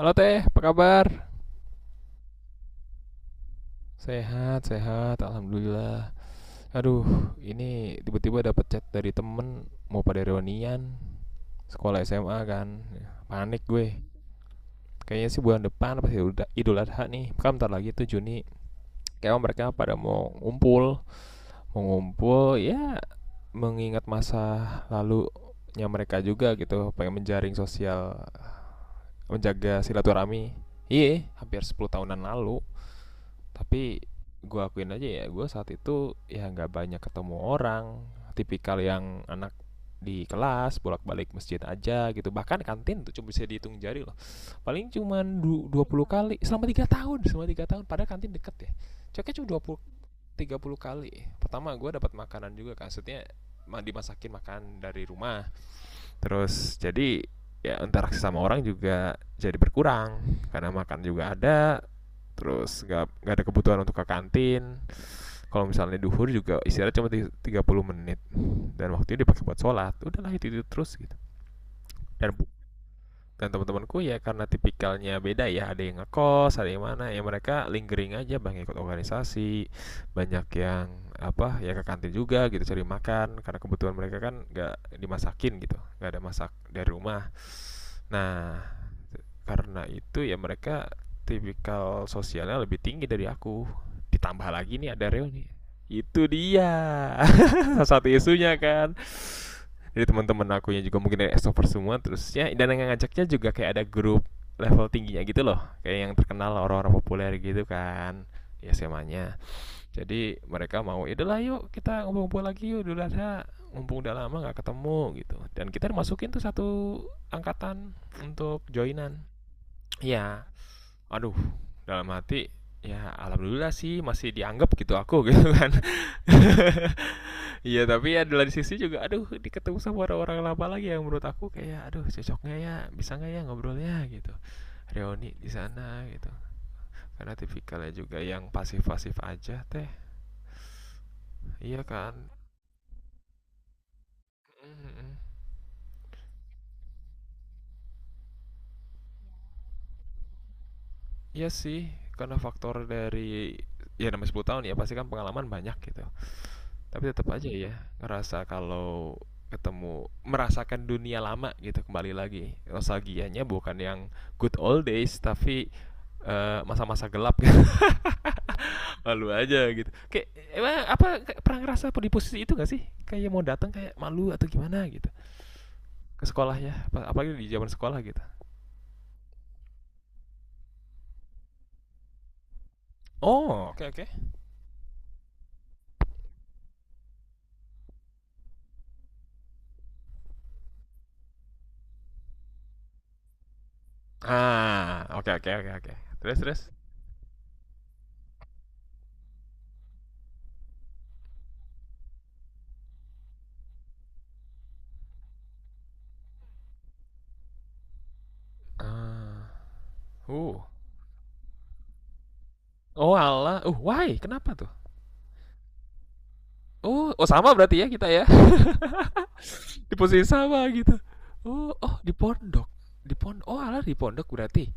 Halo Teh, apa kabar? Sehat, sehat, alhamdulillah. Aduh, ini tiba-tiba dapat chat dari temen mau pada reunian sekolah SMA kan. Panik gue. Kayaknya sih bulan depan pasti udah Idul Adha nih. Kan bentar lagi tuh Juni. Kayaknya mereka pada mau ngumpul, mau ngumpul ya mengingat masa lalunya mereka juga gitu, pengen menjaring sosial, menjaga silaturahmi. Iya, hampir 10 tahunan lalu. Tapi gue akuin aja ya, gue saat itu ya nggak banyak ketemu orang. Tipikal yang anak di kelas bolak-balik masjid aja gitu, bahkan kantin tuh cuma bisa dihitung jari loh, paling cuma 20 kali selama 3 tahun, padahal kantin deket ya. Coknya cuma 20 sampai 30 kali. Pertama gue dapat makanan juga kan, maksudnya dimasakin makan dari rumah, terus jadi ya interaksi sama orang juga jadi berkurang karena makan juga ada, terus nggak ada kebutuhan untuk ke kantin. Kalau misalnya duhur juga istirahat cuma 30 menit, dan waktunya dipakai buat sholat, udahlah itu terus gitu. Dan dan teman-temanku ya, karena tipikalnya beda ya, ada yang ngekos, ada yang mana ya, mereka lingering aja, banyak ikut organisasi. Banyak yang apa ya ke kantin juga gitu, cari makan karena kebutuhan mereka kan nggak dimasakin gitu, nggak ada masak dari rumah. Nah, karena itu ya mereka tipikal sosialnya lebih tinggi dari aku. Ditambah lagi nih ada Reo nih, itu dia salah satu isunya kan. Jadi teman-teman aku yang juga mungkin dari extrovert semua terus ya, dan yang ngajaknya juga kayak ada grup level tingginya gitu loh, kayak yang terkenal, orang-orang populer gitu kan, ya SMA-nya. Jadi mereka mau itulah, yuk kita ngumpul-ngumpul lagi yuk, dulu ada, mumpung udah lama nggak ketemu gitu, dan kita masukin tuh satu angkatan untuk joinan ya. Aduh, dalam hati, ya alhamdulillah sih masih dianggap gitu aku, gitu kan. Iya, tapi ya di sisi juga aduh, di ketemu sama orang-orang lama lagi, yang menurut aku kayak aduh cocoknya ya, bisa nggak ya ngobrolnya gitu. Reuni di sana gitu. Karena tipikalnya juga yang pasif-pasif aja teh. Iya kan? Mhm. Iya sih, karena faktor dari ya namanya 10 tahun ya, pasti kan pengalaman banyak gitu. Tapi tetap aja ya, ngerasa kalau ketemu, merasakan dunia lama gitu kembali lagi. Nostalgianya bukan yang good old days, tapi masa-masa gelap gitu. Malu aja gitu. Kayak emang apa, pernah ngerasa apa di posisi itu gak sih? Kayak mau datang kayak malu atau gimana gitu. Ke sekolah ya, apalagi di zaman sekolah gitu. Oh, oke, okay, oke. Okay. Ah, oke, okay, oke, okay, oke, okay, oke. Okay. Terus, terus. Ah, uh. Oh, Allah. Why? Kenapa tuh? Oh, oh, sama berarti ya kita ya. Di posisi sama gitu. Oh, oh di pondok, di pondok, oh alah di pondok berarti,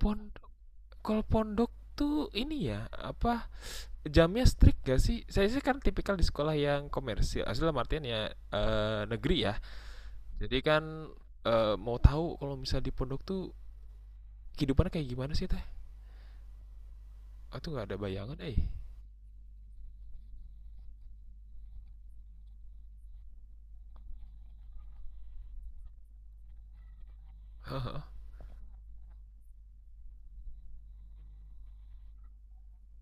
pondok. Kalau pondok tuh ini ya apa, jamnya strict gak sih? Saya sih kan tipikal di sekolah yang komersil asli, dalam artian ya negeri ya. Jadi kan mau tahu kalau misal di pondok tuh kehidupannya kayak gimana sih teh, aku nggak ada bayangan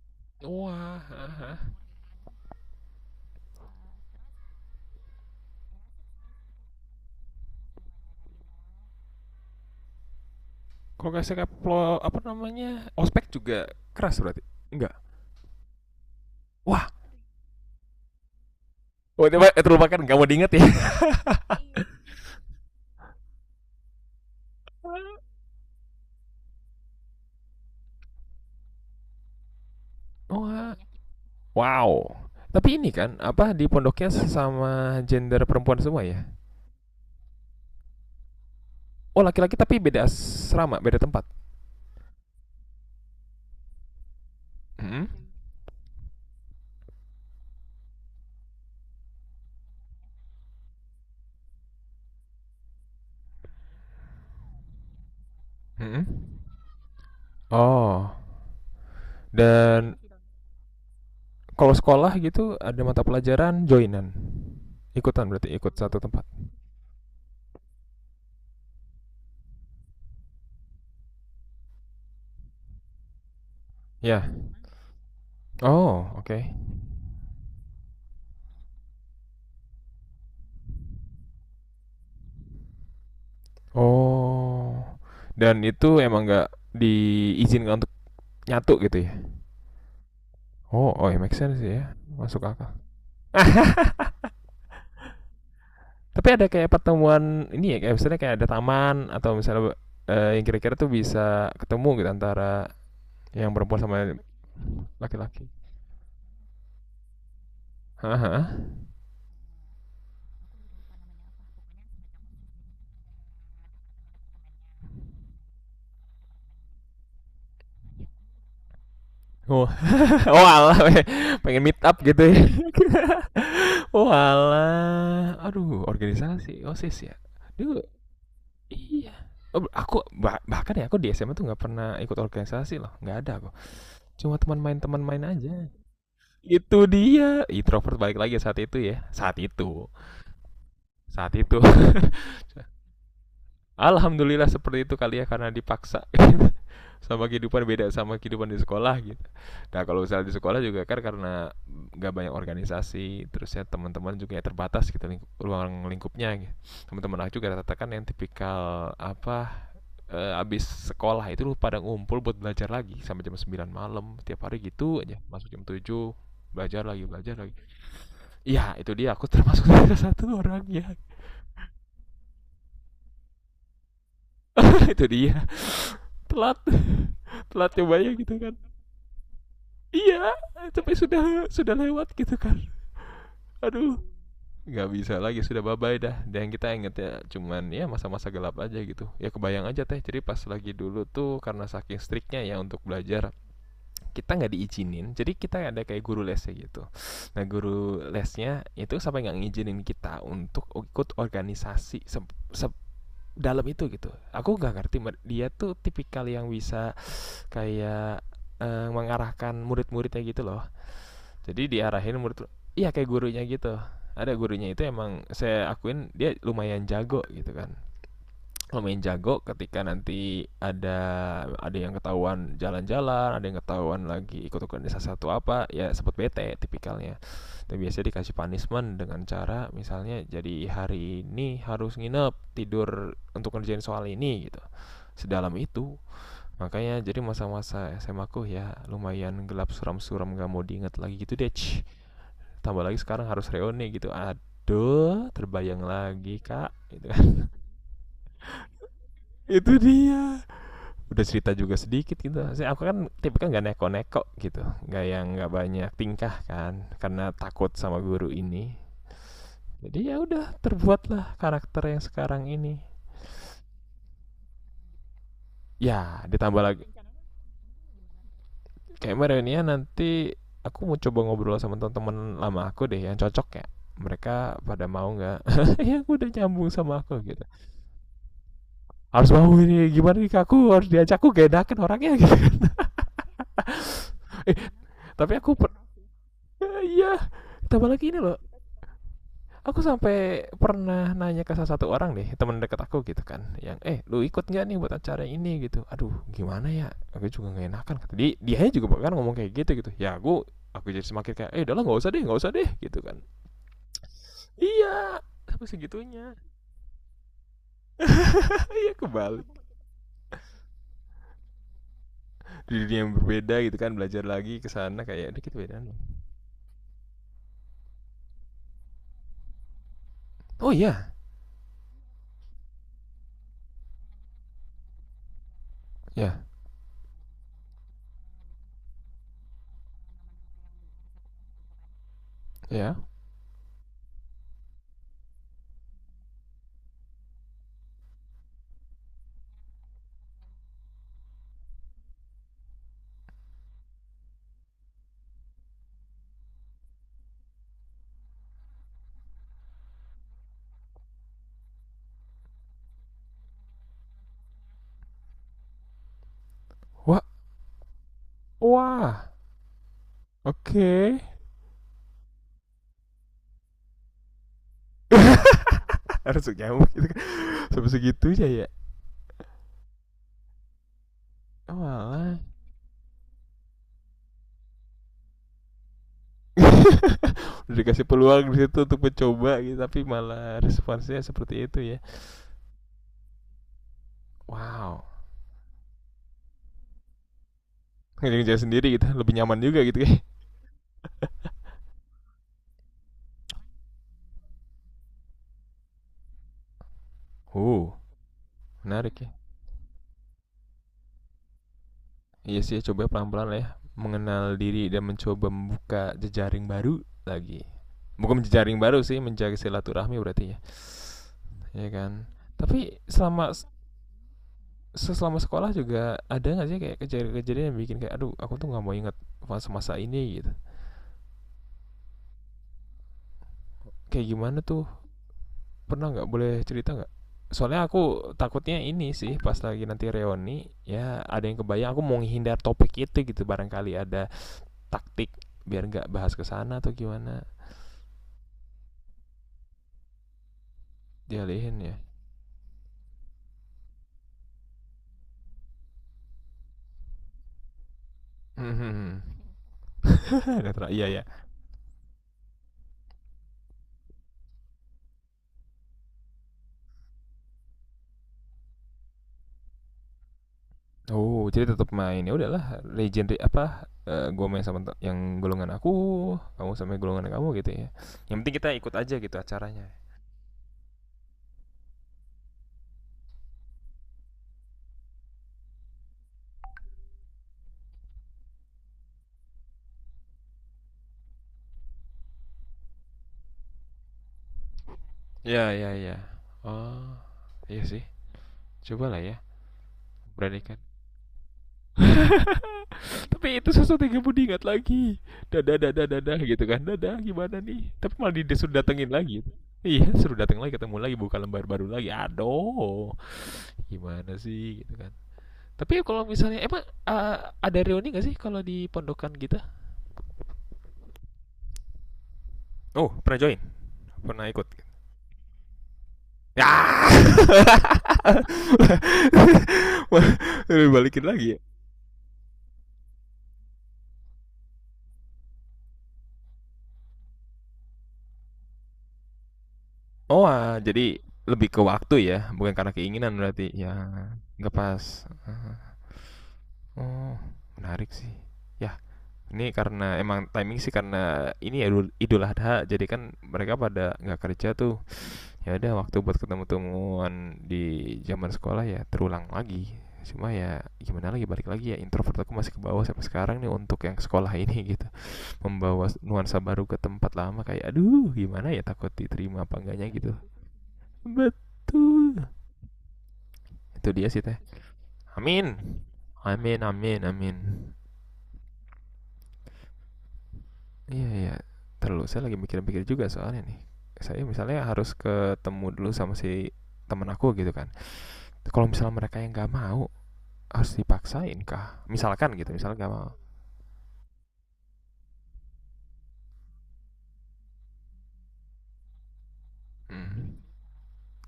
wah. Kalau nggak salah apa namanya, ospek juga keras berarti? Enggak, wah. Wah, nggak mau diinget ya. Wah. Wow. Tapi ini kan apa, di pondoknya sama gender perempuan semua ya? Oh, laki-laki tapi beda asrama, beda tempat. Mhm. Mhm. Oh. Dan kalau sekolah gitu ada mata pelajaran joinan. Ikutan berarti, ikut satu tempat. Ya. Oh, oke. Oh. Dan itu emang nggak diizinkan untuk nyatu gitu ya? Oh, oh ya, make sense sih ya. Masuk akal. Tapi ada kayak pertemuan ini ya, kayak misalnya kayak ada taman, atau misalnya yang kira-kira tuh bisa ketemu gitu, antara yang perempuan sama laki-laki. Haha. Oh, oh alah, pengen meet up gitu ya. Oh alah, aduh, organisasi osis ya. Duh, iya. Oh, aku bahkan ya aku di SMA tuh nggak pernah ikut organisasi loh, nggak ada aku. Cuma teman main aja. Itu dia introvert balik lagi saat itu ya, saat itu. Saat itu. Alhamdulillah seperti itu kali ya, karena dipaksa gitu. Sama kehidupan, beda sama kehidupan di sekolah gitu. Nah kalau misalnya di sekolah juga kan karena nggak banyak organisasi, terus ya teman-teman juga ya terbatas gitu lingkup, ruang lingkupnya gitu. Teman-teman aku juga rata-rata kan yang tipikal apa, abis sekolah itu lu pada ngumpul buat belajar lagi sampai jam 9 malam tiap hari gitu aja, masuk jam 7, belajar lagi. Iya itu dia, aku termasuk salah satu orangnya. Itu dia, telat. Telat cobanya gitu kan. Iya, tapi sudah lewat gitu kan. Aduh, nggak bisa lagi, sudah bye bye dah. Dan kita inget ya, cuman ya masa-masa gelap aja gitu ya. Kebayang aja teh, jadi pas lagi dulu tuh karena saking striknya ya untuk belajar, kita nggak diizinin, jadi kita ada kayak guru lesnya gitu. Nah guru lesnya itu sampai nggak ngizinin kita untuk ikut organisasi dalam itu gitu, aku nggak ngerti. Dia tuh tipikal yang bisa kayak mengarahkan murid-muridnya gitu loh. Jadi diarahin murid, iya kayak gurunya gitu. Ada gurunya itu, emang saya akuin dia lumayan jago gitu kan. Lumayan jago ketika nanti ada yang ketahuan jalan-jalan, ada yang ketahuan lagi ikut organisasi satu apa, ya sebut bete tipikalnya. Dan biasanya dikasih punishment dengan cara misalnya jadi hari ini harus nginep, tidur untuk ngerjain soal ini gitu. Sedalam itu. Makanya jadi masa-masa SMA aku ya lumayan gelap, suram-suram gak mau diinget lagi gitu deh. Tambah lagi sekarang harus reuni gitu. Aduh, terbayang lagi kak. Gitu kan. Itu dia. Udah cerita juga sedikit gitu. Saya, aku kan tipe kan gak neko-neko gitu. Gak yang gak banyak tingkah kan. Karena takut sama guru ini. Jadi ya udah terbuatlah karakter yang sekarang ini. Ya ditambah lagi kayak reunian nanti, aku mau coba ngobrol sama teman-teman lama aku deh yang cocok ya, mereka pada mau nggak. Ya aku udah nyambung sama aku gitu. Harus mau, ini gimana nih, aku harus diajakku, aku gak enakan orangnya gitu. eh, tapi aku eh, iya, tambah lagi ini loh. Aku sampai pernah nanya ke salah satu orang deh, teman dekat aku gitu kan, yang eh lu ikut nggak nih buat acara ini gitu. Aduh gimana ya, aku juga nggak enakan, dia dia juga bahkan ngomong kayak gitu gitu ya. Aku jadi semakin kayak eh udahlah, nggak usah deh, nggak usah deh. Gitu kan. Iya, sampai segitunya. Iya kebalik. Di dunia yang berbeda gitu kan, belajar lagi ke sana, kayak dikit beda nih. Oh iya, ya, ya. Wah, wah. Oke. Okay. Harus nyamuk gitu kan. Sampai segitunya ya. Oh, malah udah dikasih peluang di situ untuk mencoba gitu, tapi malah responsnya seperti itu ya. Wow. Ngerjain sendiri gitu lebih nyaman juga gitu ya. Uh, menarik ya. Iya sih, coba pelan-pelan lah ya, mengenal diri dan mencoba membuka jejaring baru lagi. Bukan jejaring baru sih, menjaga silaturahmi berarti ya. Ya kan. Tapi selama selama sekolah juga ada nggak sih kayak kejadian-kejadian yang bikin kayak aduh, aku tuh nggak mau ingat masa-masa ini gitu. Kayak gimana tuh? Pernah nggak, boleh cerita nggak? Soalnya aku takutnya ini sih, pas lagi nanti reuni ya ada yang kebayang, aku mau menghindar topik itu gitu, barangkali ada taktik biar nggak bahas kesana atau gimana. Dialihin ya. Hmm. Ah, kata Ra, iya ya. Oh, jadi tetap main. Ya udahlah, legendary apa? Gue main sama yang golongan aku, kamu sama golongan kamu gitu ya. Yang penting kita ikut aja gitu acaranya. Ya, ya, ya. Oh, iya sih. Cobalah ya, beranikan. Tapi itu sesuatu yang kamu ingat lagi. Dadah, dadah, dadah gitu kan. Dadah, gimana nih? Tapi malah disuruh datengin lagi. Gitu. Iya, suruh dateng lagi, ketemu lagi, buka lembar baru lagi. Aduh, gimana sih gitu kan. Tapi kalau misalnya emang ada reuni nggak sih kalau di pondokan kita? Oh, pernah join? Pernah ikut. Ya. Wah, balikin lagi ya. Oh, ah, jadi lebih ke waktu ya, bukan karena keinginan berarti. Ya, nggak pas. Oh, menarik sih. Ya, ini karena emang timing sih, karena ini ya Idul Adha, jadi kan mereka pada nggak kerja tuh. Ya udah, waktu buat ketemu temuan di zaman sekolah ya terulang lagi. Cuma ya gimana lagi, balik lagi ya introvert aku masih ke bawah sampai sekarang nih untuk yang sekolah ini gitu. Membawa nuansa baru ke tempat lama, kayak aduh gimana ya, takut diterima apa enggaknya gitu. Betul, itu dia sih teh. Amin, amin, amin, amin. Iya, iya. Terus saya lagi mikir-mikir juga, soalnya nih saya misalnya harus ketemu dulu sama si teman aku gitu kan. Kalau misalnya mereka yang enggak mau, harus dipaksain kah? Misalkan gitu, misalkan gak mau. Hmm.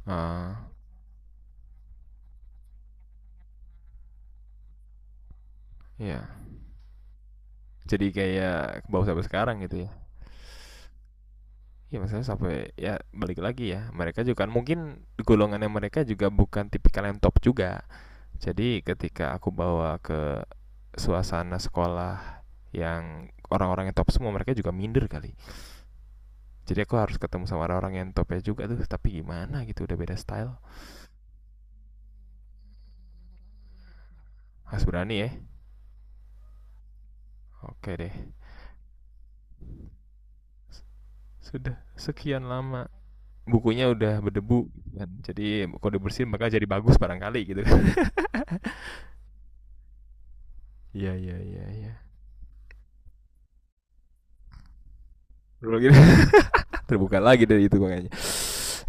Ah, iya. Jadi kayak bawa sampai sekarang gitu ya. Iya maksudnya sampai ya balik lagi ya, mereka juga kan mungkin golongannya mereka juga bukan tipikal yang top juga. Jadi ketika aku bawa ke suasana sekolah yang orang-orang yang top semua, mereka juga minder kali. Jadi aku harus ketemu sama orang-orang yang topnya juga tuh, tapi gimana gitu, udah beda style. Harus berani ya. Oke deh. Sudah sekian lama, bukunya udah berdebu gitu kan. Jadi kalau dibersihin maka jadi bagus barangkali gitu kan. Iya, iya, iya, iya. Gitu. Terbuka lagi dari itu gua kayaknya.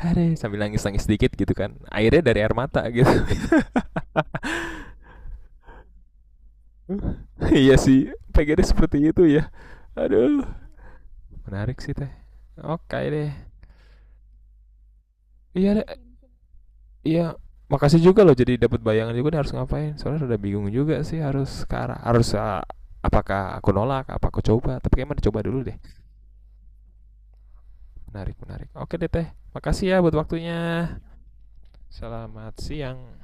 Aduh, sambil nangis-nangis sedikit gitu kan. Airnya dari air mata gitu. Iya sih, pengennya seperti itu ya. Aduh, menarik sih teh. Oke deh. Iya deh, iya. Makasih juga loh, jadi dapat bayangan juga nih harus ngapain. Soalnya udah bingung juga sih, harus ke arah harus apakah aku nolak, apa aku coba. Tapi kayaknya mending coba dulu deh. Menarik, menarik. Oke deh teh. Makasih ya buat waktunya. Selamat siang.